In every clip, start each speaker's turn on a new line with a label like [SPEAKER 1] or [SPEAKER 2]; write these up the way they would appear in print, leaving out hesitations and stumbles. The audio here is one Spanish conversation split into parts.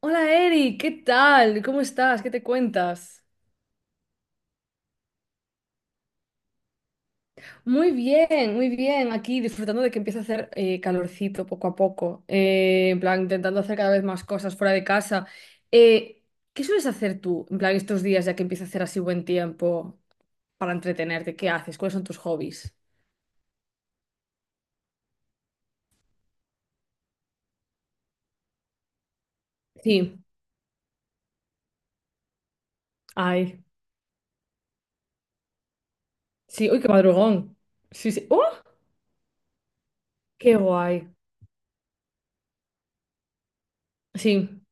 [SPEAKER 1] Hola Eri, ¿qué tal? ¿Cómo estás? ¿Qué te cuentas? Muy bien, muy bien. Aquí disfrutando de que empieza a hacer calorcito poco a poco. En plan, intentando hacer cada vez más cosas fuera de casa. Eh, ¿Qué sueles hacer tú, en plan, estos días ya que empieza a hacer así buen tiempo para entretenerte? ¿Qué haces? ¿Cuáles son tus hobbies? Sí, ay. Sí, uy, qué madrugón. Sí, sí. ¡Oh! ¡Qué guay! Sí,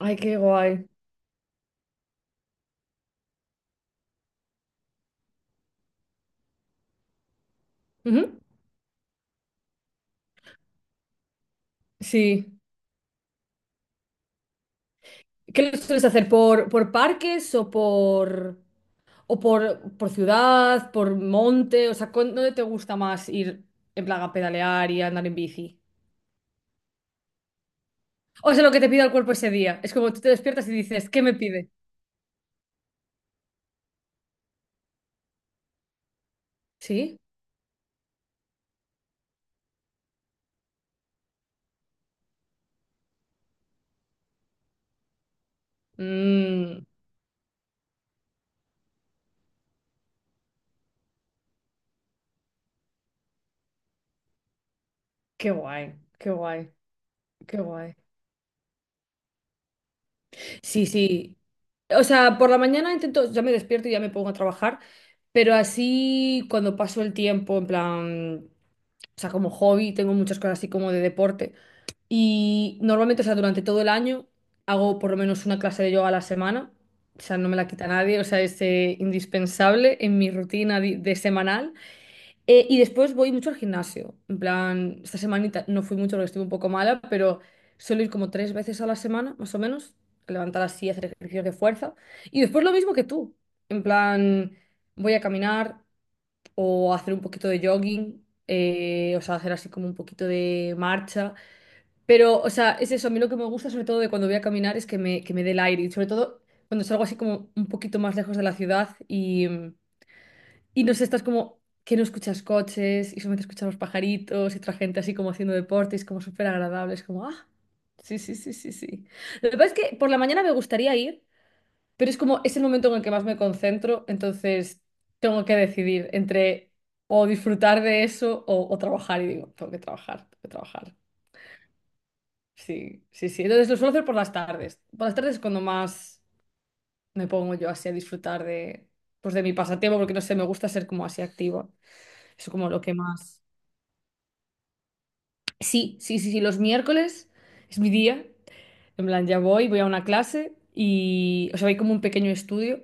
[SPEAKER 1] ay, qué guay. Ujú. Sí. ¿Qué lo sueles hacer? ¿Por parques o por? O por ciudad, por monte, o sea, ¿dónde te gusta más ir en plan a pedalear y a andar en bici? O sea, lo que te pida el cuerpo ese día. Es como tú te despiertas y dices, ¿qué me pide? ¿Sí? Mmm, Qué guay, qué guay, qué guay. Sí, sí. O sea, por la mañana intento, ya me despierto y ya me pongo a trabajar, pero así cuando paso el tiempo, en plan, o sea, como hobby, tengo muchas cosas así como de deporte. Y normalmente, o sea, durante todo el año hago por lo menos una clase de yoga a la semana. O sea, no me la quita nadie, o sea, es indispensable en mi rutina di- de, semanal. Y después voy mucho al gimnasio. En plan, esta semanita no fui mucho porque estuve un poco mala, pero suelo ir como tres veces a la semana, más o menos, levantar así, hacer ejercicios de fuerza. Y después lo mismo que tú. En plan, voy a caminar o a hacer un poquito de jogging, o sea, hacer así como un poquito de marcha. Pero, o sea, es eso, a mí lo que me gusta sobre todo de cuando voy a caminar es que me dé el aire y sobre todo cuando salgo así como un poquito más lejos de la ciudad y no sé, estás como que no escuchas coches y solamente escuchas los pajaritos y otra gente así como haciendo deporte, y es como súper agradable, es como, ah, sí, sí, sí, sí, sí. Lo que pasa es que por la mañana me gustaría ir, pero es como es el momento en el que más me concentro, entonces tengo que decidir entre o disfrutar de eso o trabajar y digo, tengo que trabajar, tengo que trabajar. Sí, sí, sí. Entonces lo suelo hacer por las tardes. Por las tardes es cuando más me pongo yo así a disfrutar de, pues de mi pasatiempo, porque no sé, me gusta ser como así activa. Es como lo que más. Sí, sí, sí, sí. Los miércoles es mi día. En plan, ya voy, voy a una clase y, o sea, hay como un pequeño estudio.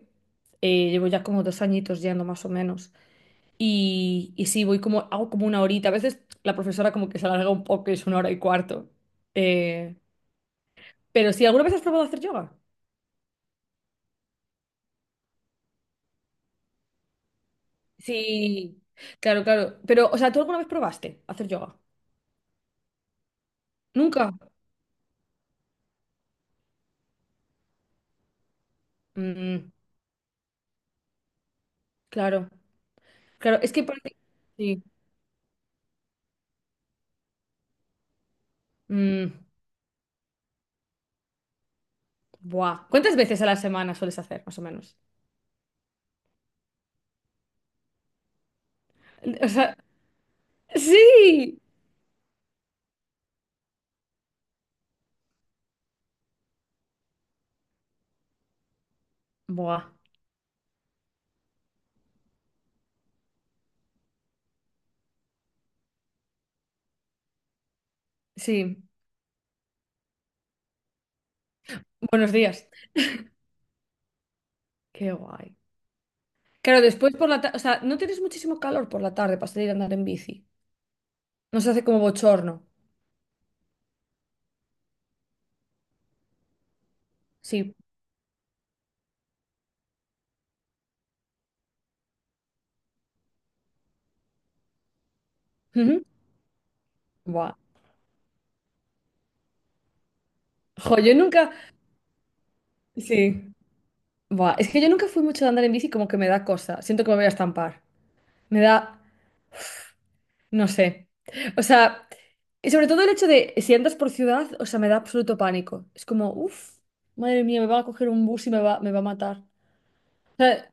[SPEAKER 1] Llevo ya como 2 añitos yendo más o menos. Y sí, voy como, hago como una horita. A veces la profesora como que se alarga un poco, es una hora y cuarto. Eh, pero sí, ¿alguna vez has probado hacer yoga? Sí, claro, claro. Pero, o sea, ¿tú alguna vez probaste hacer yoga? ¿Nunca? Mm, claro. Claro, es que sí. Mm, Buah. ¿Cuántas veces a la semana sueles hacer, más o menos? O sea, sí. Buah. Sí. Buenos días. Qué guay. Claro, después por la tarde, o sea, no tienes muchísimo calor por la tarde para salir a andar en bici. No se hace como bochorno. Sí. Ujú. Buah. Jo, yo nunca. Sí. Buah, es que yo nunca fui mucho de andar en bici, como que me da cosa. Siento que me voy a estampar. Me da, no sé. O sea, y sobre todo el hecho de si andas por ciudad, o sea, me da absoluto pánico. Es como, uff, madre mía, me va a coger un bus y me va a matar. O sea,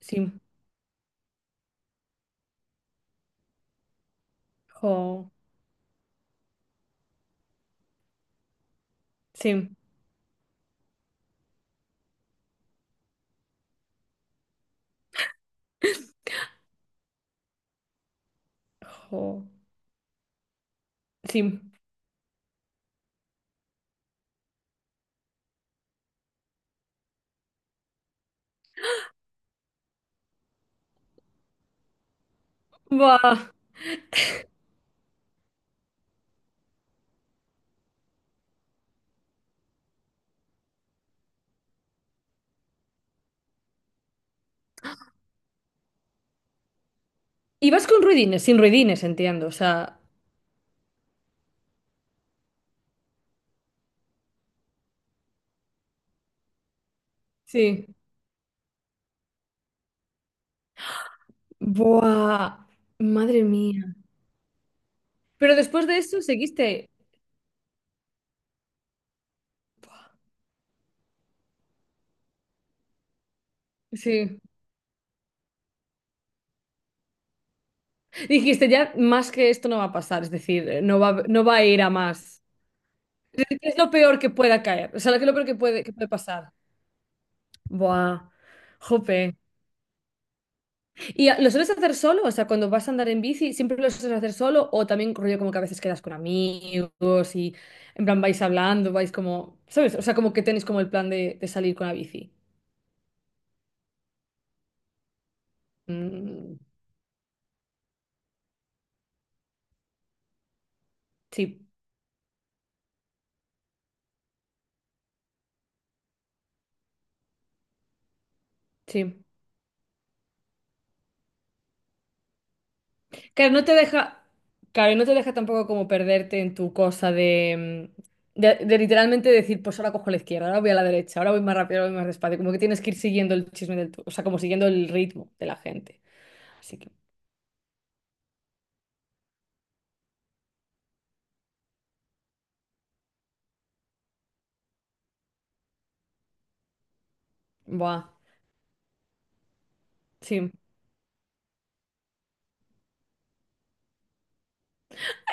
[SPEAKER 1] sí, jo, sí, jo, sí. Buah. Y vas con ruidines, sin ruidines, entiendo. O sea, sí. Buah, madre mía. Pero después de eso seguiste. Sí. Dijiste, ya más que esto no va a pasar, es decir, no va a ir a más. ¿Qué es lo peor que pueda caer? O sea, ¿qué es lo peor que puede, pasar? Buah, jope. ¿Y lo sueles hacer solo? O sea, cuando vas a andar en bici, ¿siempre lo sueles hacer solo? ¿O también rollo como que a veces quedas con amigos y en plan vais hablando, vais como, ¿sabes? O sea, como que tenéis como el plan de salir con la bici. Mm, sí, sí. Claro, no te deja, claro, y no te deja tampoco como perderte en tu cosa de, mm, de literalmente decir, pues ahora cojo la izquierda, ahora voy a la derecha, ahora voy más rápido, ahora voy más despacio. Como que tienes que ir siguiendo el chisme del, tu- o sea, como siguiendo el ritmo de la gente. Así que, buah, sí.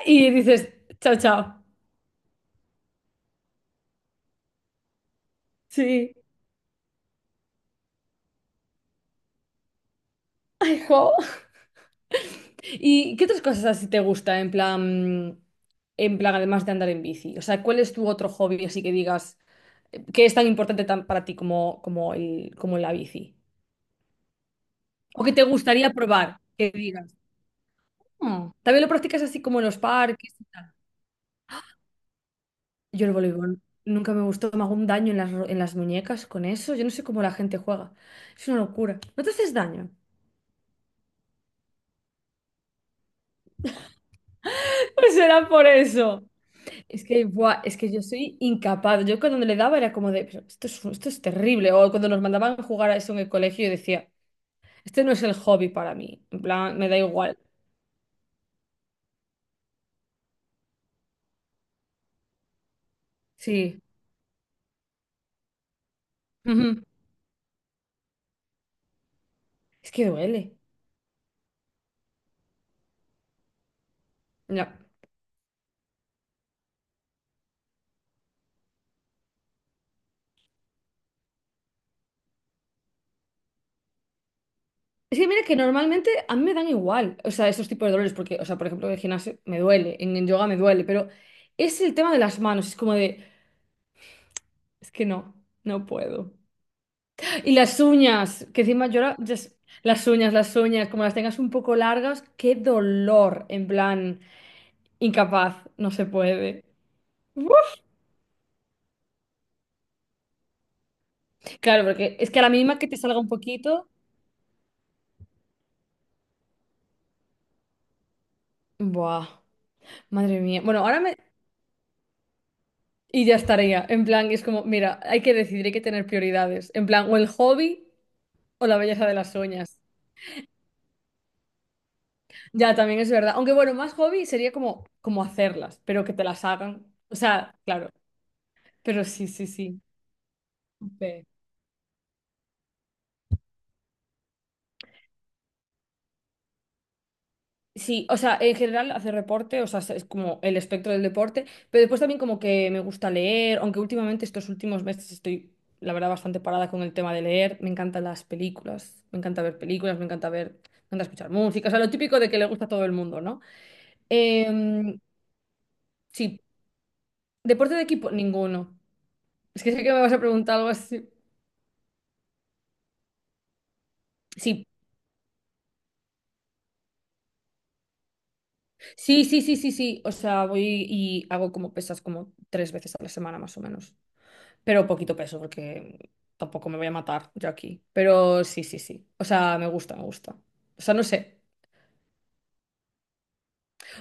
[SPEAKER 1] Y dices, chao, chao. Sí. Ay, jo. ¿Y qué otras cosas así te gusta en plan, además de andar en bici? O sea, ¿cuál es tu otro hobby así que digas que es tan importante tan para ti como, como el, como la bici? ¿O que te gustaría probar? Que digas, "Mm, también lo practicas así como en los parques y tal". Yo el voleibol nunca me gustó, me hago un daño en las, en las muñecas con eso. Yo no sé cómo la gente juega. Es una locura. ¿No te haces daño? Pues será por eso. Es que, buah, es que yo soy incapaz. Yo cuando le daba era como de, "Pero esto es terrible". O cuando nos mandaban a jugar a eso en el colegio, yo decía, este no es el hobby para mí. En plan, me da igual. Sí. Ujú. Es que duele. No. Es que mira que normalmente a mí me dan igual. O sea, esos tipos de dolores, porque, o sea, por ejemplo, en el gimnasio me duele, en el yoga me duele, pero es el tema de las manos. Es como de, es que no, no puedo. Y las uñas, que encima yo las uñas, como las tengas un poco largas, qué dolor, en plan, incapaz, no se puede. Uf. Claro, porque es que a la mínima que te salga un poquito, buah, madre mía. Bueno, ahora me... Y ya estaría, en plan, es como, mira, hay que decidir, hay que tener prioridades, en plan, o el hobby o la belleza de las uñas. Ya, también es verdad. Aunque bueno, más hobby sería como, como hacerlas, pero que te las hagan. O sea, claro, pero sí, sí, sí. Ve. Sí, o sea, en general hacer deporte, o sea, es como el espectro del deporte, pero después también como que me gusta leer, aunque últimamente estos últimos meses estoy, la verdad, bastante parada con el tema de leer. Me encantan las películas, me encanta ver películas, me encanta ver, me encanta escuchar música, o sea, lo típico de que le gusta a todo el mundo, ¿no? Em, sí, deporte de equipo, ninguno. Es que sé que me vas a preguntar algo así. Sí, sí, sí, sí, sí, sí, o sea, voy y hago como pesas como tres veces a la semana más o menos. Pero poquito peso porque tampoco me voy a matar yo aquí. Pero sí, sí, sí. O sea, me gusta, me gusta. O sea, no sé,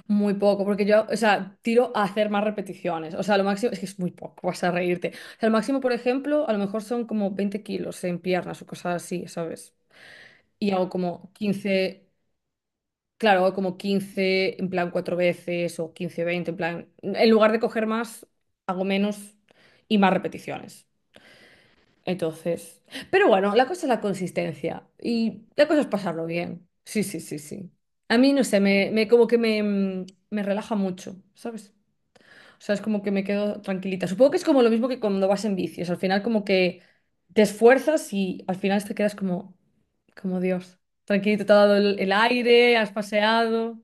[SPEAKER 1] muy poco, porque yo, o sea, tiro a hacer más repeticiones. O sea, lo máximo es que es muy poco, vas a reírte. O sea, lo máximo, por ejemplo, a lo mejor son como 20 kilos en piernas o cosas así, ¿sabes? Y hago como 15, claro, hago como 15 en plan cuatro veces o 15-20 en plan, en lugar de coger más, hago menos y más repeticiones. Entonces, pero bueno, la cosa es la consistencia y la cosa es pasarlo bien. Sí, sí, sí, sí. A mí, no sé, como que me relaja mucho, ¿sabes? O sea, es como que me quedo tranquilita. Supongo que es como lo mismo que cuando vas en bici. O sea, al final como que te esfuerzas y al final te quedas como, como Dios. Tranquilito, te ha dado el aire, has paseado.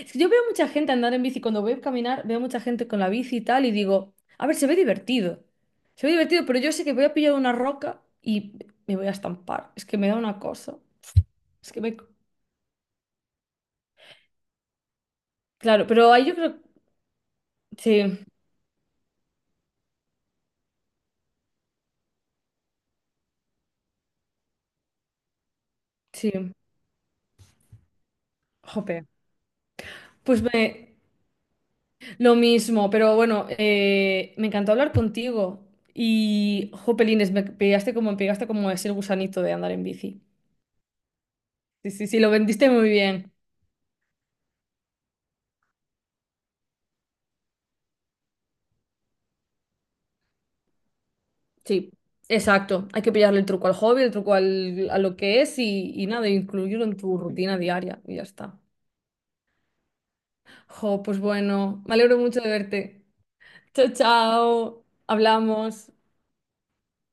[SPEAKER 1] Es que yo veo mucha gente andar en bici, cuando voy a caminar, veo mucha gente con la bici y tal, y digo, a ver, se ve divertido. Se ve divertido, pero yo sé que voy a pillar una roca y me voy a estampar. Es que me da una cosa. Es que me... Claro, pero ahí yo creo... Sí, sí. Jope. Pues me... Lo mismo, pero bueno, me encantó hablar contigo. Y, jopelines, me pegaste como ese gusanito de andar en bici. Sí, sí, sí, lo vendiste muy bien. Sí, exacto. Hay que pillarle el truco al hobby, el truco al, a lo que es y nada, incluirlo en tu rutina diaria y ya está. Jo, pues bueno, me alegro mucho de verte. Chao, chao. Hablamos.